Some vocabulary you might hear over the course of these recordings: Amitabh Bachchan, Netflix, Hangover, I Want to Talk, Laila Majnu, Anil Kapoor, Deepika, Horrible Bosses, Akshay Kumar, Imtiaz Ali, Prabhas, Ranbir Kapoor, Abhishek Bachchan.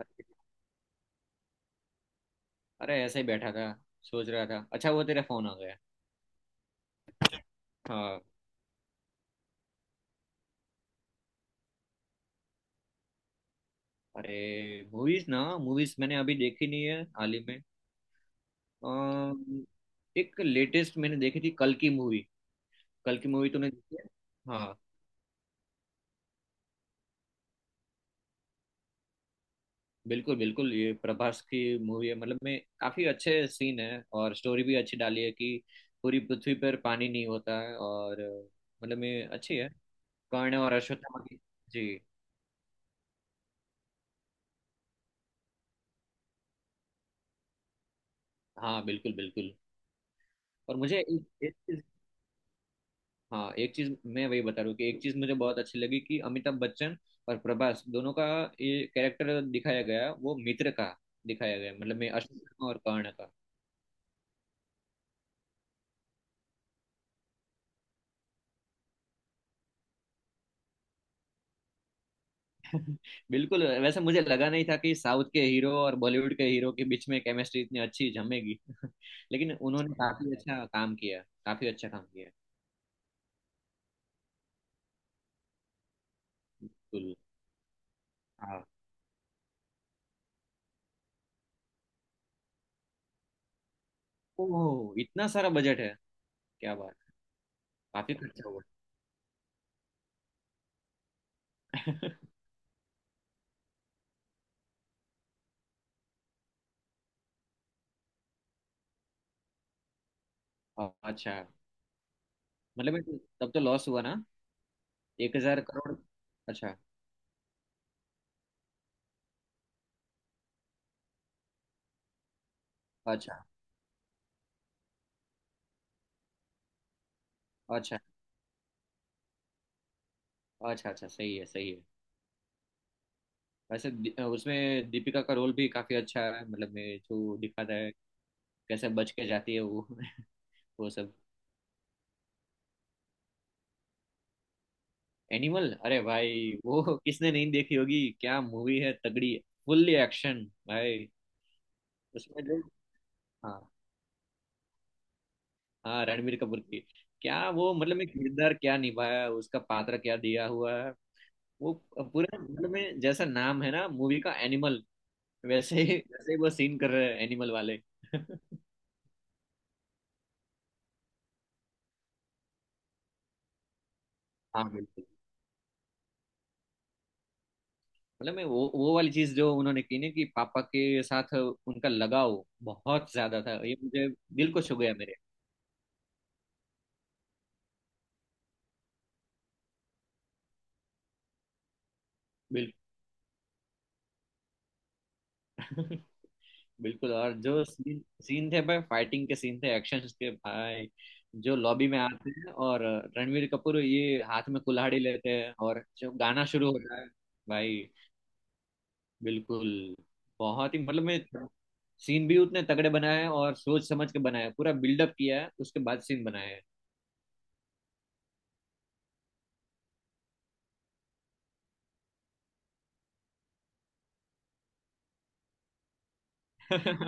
अरे। ऐसे ही बैठा था। सोच रहा था, अच्छा वो तेरा फोन आ गया। हाँ। अरे। मूवीज ना, मूवीज मैंने अभी देखी नहीं है हाल ही में। अम, एक लेटेस्ट मैंने देखी थी, कल की मूवी। कल की मूवी तूने देखी है? हाँ। बिल्कुल बिल्कुल, ये प्रभास की मूवी है। मतलब में काफी अच्छे सीन है और स्टोरी भी अच्छी डाली है कि पूरी पृथ्वी पर पानी नहीं होता है। और मतलब में अच्छी है। कर्ण और अश्वत्थामा की। जी। हाँ बिल्कुल बिल्कुल। और मुझे एक एक चीज। हाँ एक चीज मैं वही बता रहा हूँ कि एक चीज मुझे बहुत अच्छी लगी कि अमिताभ बच्चन और प्रभास दोनों का ये कैरेक्टर दिखाया गया, वो मित्र का दिखाया गया, मतलब मैं अशोक का और कर्ण का। बिल्कुल। वैसे मुझे लगा नहीं था कि साउथ के हीरो और बॉलीवुड के हीरो के बीच में केमिस्ट्री इतनी अच्छी जमेगी। लेकिन उन्होंने काफी अच्छा काम किया। काफी अच्छा काम किया। बिल्कुल। हाँ। ओह, इतना सारा बजट है। क्या बात। काफी खर्चा हुआ। अच्छा, मतलब तब तो लॉस हुआ ना। 1,000 करोड़। अच्छा। अच्छा। अच्छा। अच्छा। अच्छा, सही है सही है। वैसे उसमें दीपिका का रोल भी काफी अच्छा है, मतलब मैं जो दिखाता है कैसे बच के जाती है वो। वो सब। एनिमल, अरे भाई वो किसने नहीं देखी होगी? क्या मूवी है तगड़ी। फुल्ली एक्शन भाई। उसमें जो। हाँ। हाँ रणबीर कपूर की। क्या वो, मतलब में किरदार क्या निभाया, उसका पात्र क्या दिया हुआ है। वो पूरे मतलब में जैसा नाम है ना मूवी का एनिमल, वैसे ही वैसे ही वो सीन कर रहे हैं एनिमल वाले। हाँ बिल्कुल। मतलब मैं वो वाली चीज जो उन्होंने की ना, कि पापा के साथ उनका लगाव बहुत ज्यादा था, ये मुझे दिल को छू गया मेरे। बिल्कुल। बिल्कुल। और जो सीन सीन थे भाई, फाइटिंग के सीन थे एक्शन के भाई, जो लॉबी में आते हैं और रणवीर कपूर ये हाथ में कुल्हाड़ी लेते हैं और जो गाना शुरू होता है भाई। बिल्कुल। बहुत ही मतलब मैं सीन भी उतने तगड़े बनाए हैं और सोच समझ के बनाए हैं। पूरा बिल्डअप किया है उसके बाद सीन बनाए हैं।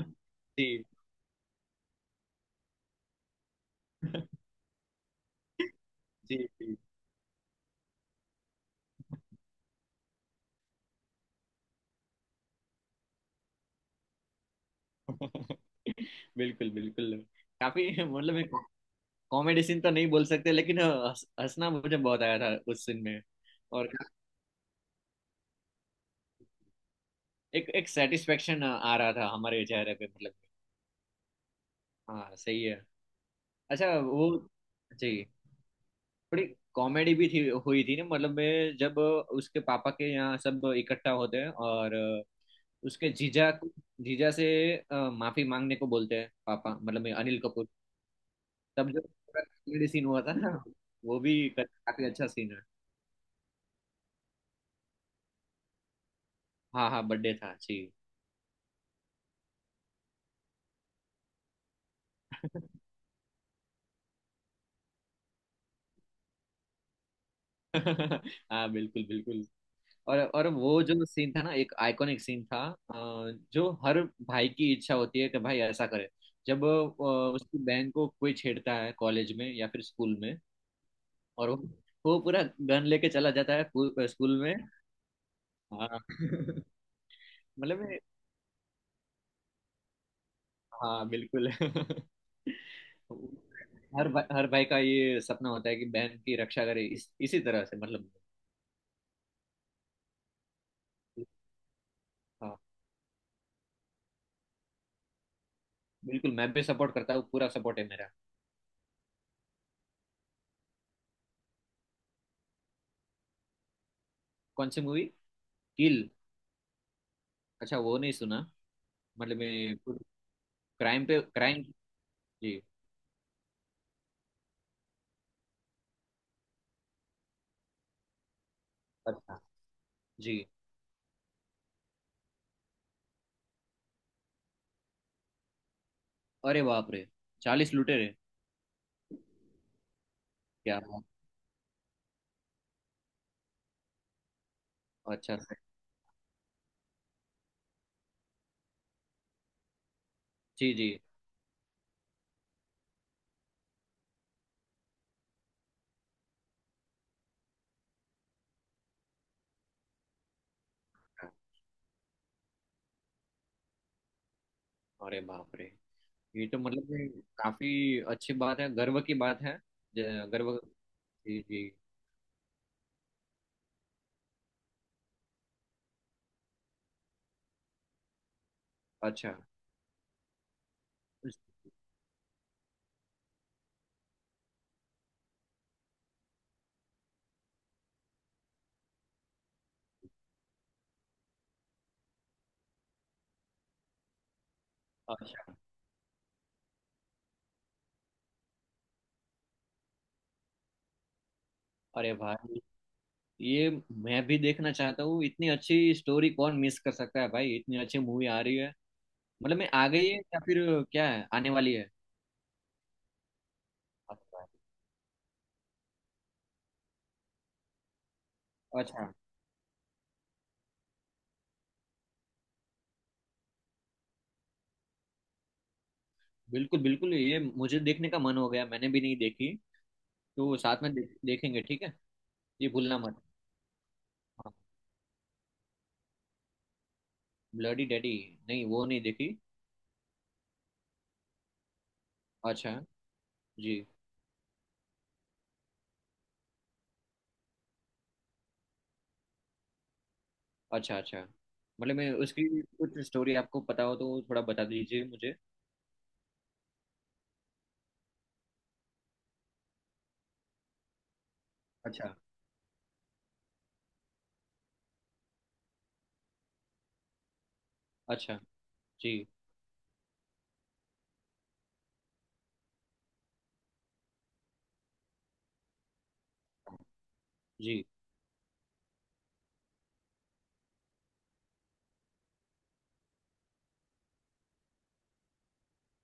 जी। जी जी। बिल्कुल बिल्कुल। काफी, मतलब एक कॉमेडी सीन तो नहीं बोल सकते लेकिन हंसना मुझे बहुत आया था उस सीन में। और एक एक सेटिस्फेक्शन आ रहा था हमारे चेहरे पे मतलब। हाँ सही है। अच्छा वो। जी। थोड़ी कॉमेडी भी थी हुई थी ना, मतलब मैं जब उसके पापा के यहाँ सब इकट्ठा होते हैं और उसके जीजा को, जीजा से माफी मांगने को बोलते हैं पापा, मतलब अनिल कपूर। तब जो कॉमेडी सीन हुआ था ना, वो भी काफी अच्छा सीन है। हाँ हाँ बर्थडे था जी। हाँ बिल्कुल बिल्कुल। और वो जो सीन था ना, एक आइकॉनिक सीन था। जो हर भाई की इच्छा होती है कि भाई ऐसा करे। जब उसकी बहन को कोई छेड़ता है कॉलेज में या फिर स्कूल में, और वो पूरा गन लेके चला जाता है स्कूल स्कूल में। हाँ। मतलब। हाँ बिल्कुल। हर भाई, हर भाई का ये सपना होता है कि बहन की रक्षा करे इसी तरह से मतलब। हाँ बिल्कुल, मैं भी सपोर्ट करता हूँ, पूरा सपोर्ट है मेरा। कौन सी मूवी? किल। अच्छा वो नहीं सुना। मतलब मैं क्राइम पे क्राइम। जी। अच्छा। जी। अरे बाप रे। 40 लुटेरे? क्या बात। अच्छा सर। जी जी। अरे बाप रे। ये तो मतलब, ये काफी अच्छी बात है, गर्व की बात है। गर्व। जी जी। अच्छा अच्छा। अरे भाई, ये मैं भी देखना चाहता हूँ, इतनी अच्छी स्टोरी कौन मिस कर सकता है भाई। इतनी अच्छी मूवी आ रही है। मतलब मैं आ गई है या फिर क्या है, आने वाली है? अच्छा। बिल्कुल बिल्कुल, ये मुझे देखने का मन हो गया, मैंने भी नहीं देखी। तो साथ में देखेंगे, ठीक है। ये भूलना मत। Bloody daddy. नहीं वो नहीं देखी। अच्छा। जी। अच्छा अच्छा, मतलब मैं उसकी कुछ स्टोरी आपको पता हो तो थोड़ा बता दीजिए मुझे। अच्छा। अच्छा। जी जी।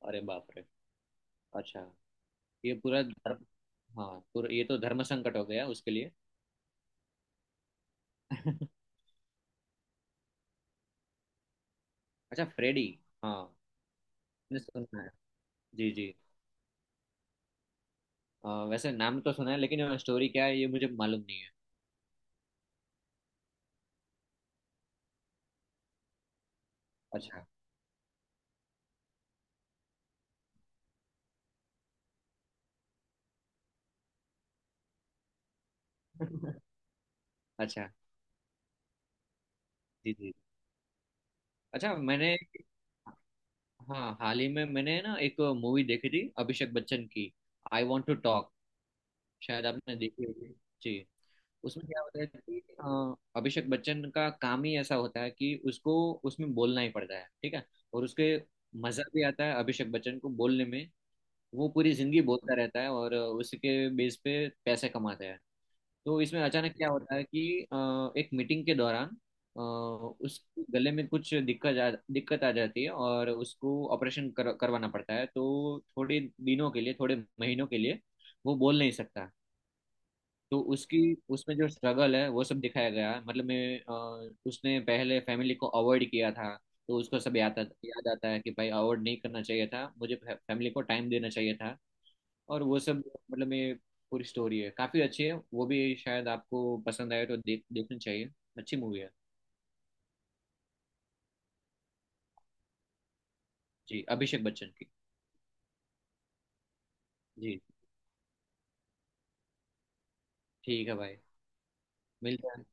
अरे बाप रे। अच्छा। ये पूरा धर्म। हाँ पूरा, ये तो धर्म संकट हो गया उसके लिए। अच्छा फ्रेडी। हाँ मैंने सुना है। जी जी। वैसे नाम तो सुना है लेकिन स्टोरी क्या है ये मुझे मालूम नहीं है। अच्छा। अच्छा। जी जी। अच्छा। मैंने हाँ, हाल ही में मैंने ना एक मूवी देखी थी अभिषेक बच्चन की। I want to talk. शायद आपने देखी होगी। जी। उसमें क्या होता है कि अभिषेक बच्चन का काम ही ऐसा होता है कि उसको उसमें बोलना ही पड़ता है, ठीक है। और उसके मजा भी आता है अभिषेक बच्चन को बोलने में। वो पूरी जिंदगी बोलता रहता है और उसके बेस पे पैसे कमाता है। तो इसमें अचानक क्या होता है कि अ, एक मीटिंग के दौरान अ, उसके गले में कुछ दिक्कत आ जाती है और उसको ऑपरेशन करवाना पड़ता है। तो थोड़े दिनों के लिए, थोड़े महीनों के लिए वो बोल नहीं सकता। तो उसकी, उसमें जो स्ट्रगल है वो सब दिखाया गया, मतलब मैं उसने पहले फैमिली को अवॉइड किया था। तो उसको सब याद आता है कि भाई, अवॉइड नहीं करना चाहिए था, मुझे फैमिली को टाइम देना चाहिए था। और वो सब, मतलब मैं पूरी स्टोरी है, काफी अच्छी है। वो भी शायद आपको पसंद आए तो देखनी चाहिए। अच्छी मूवी है। जी, अभिषेक बच्चन की। जी। ठीक है भाई। मिलते हैं।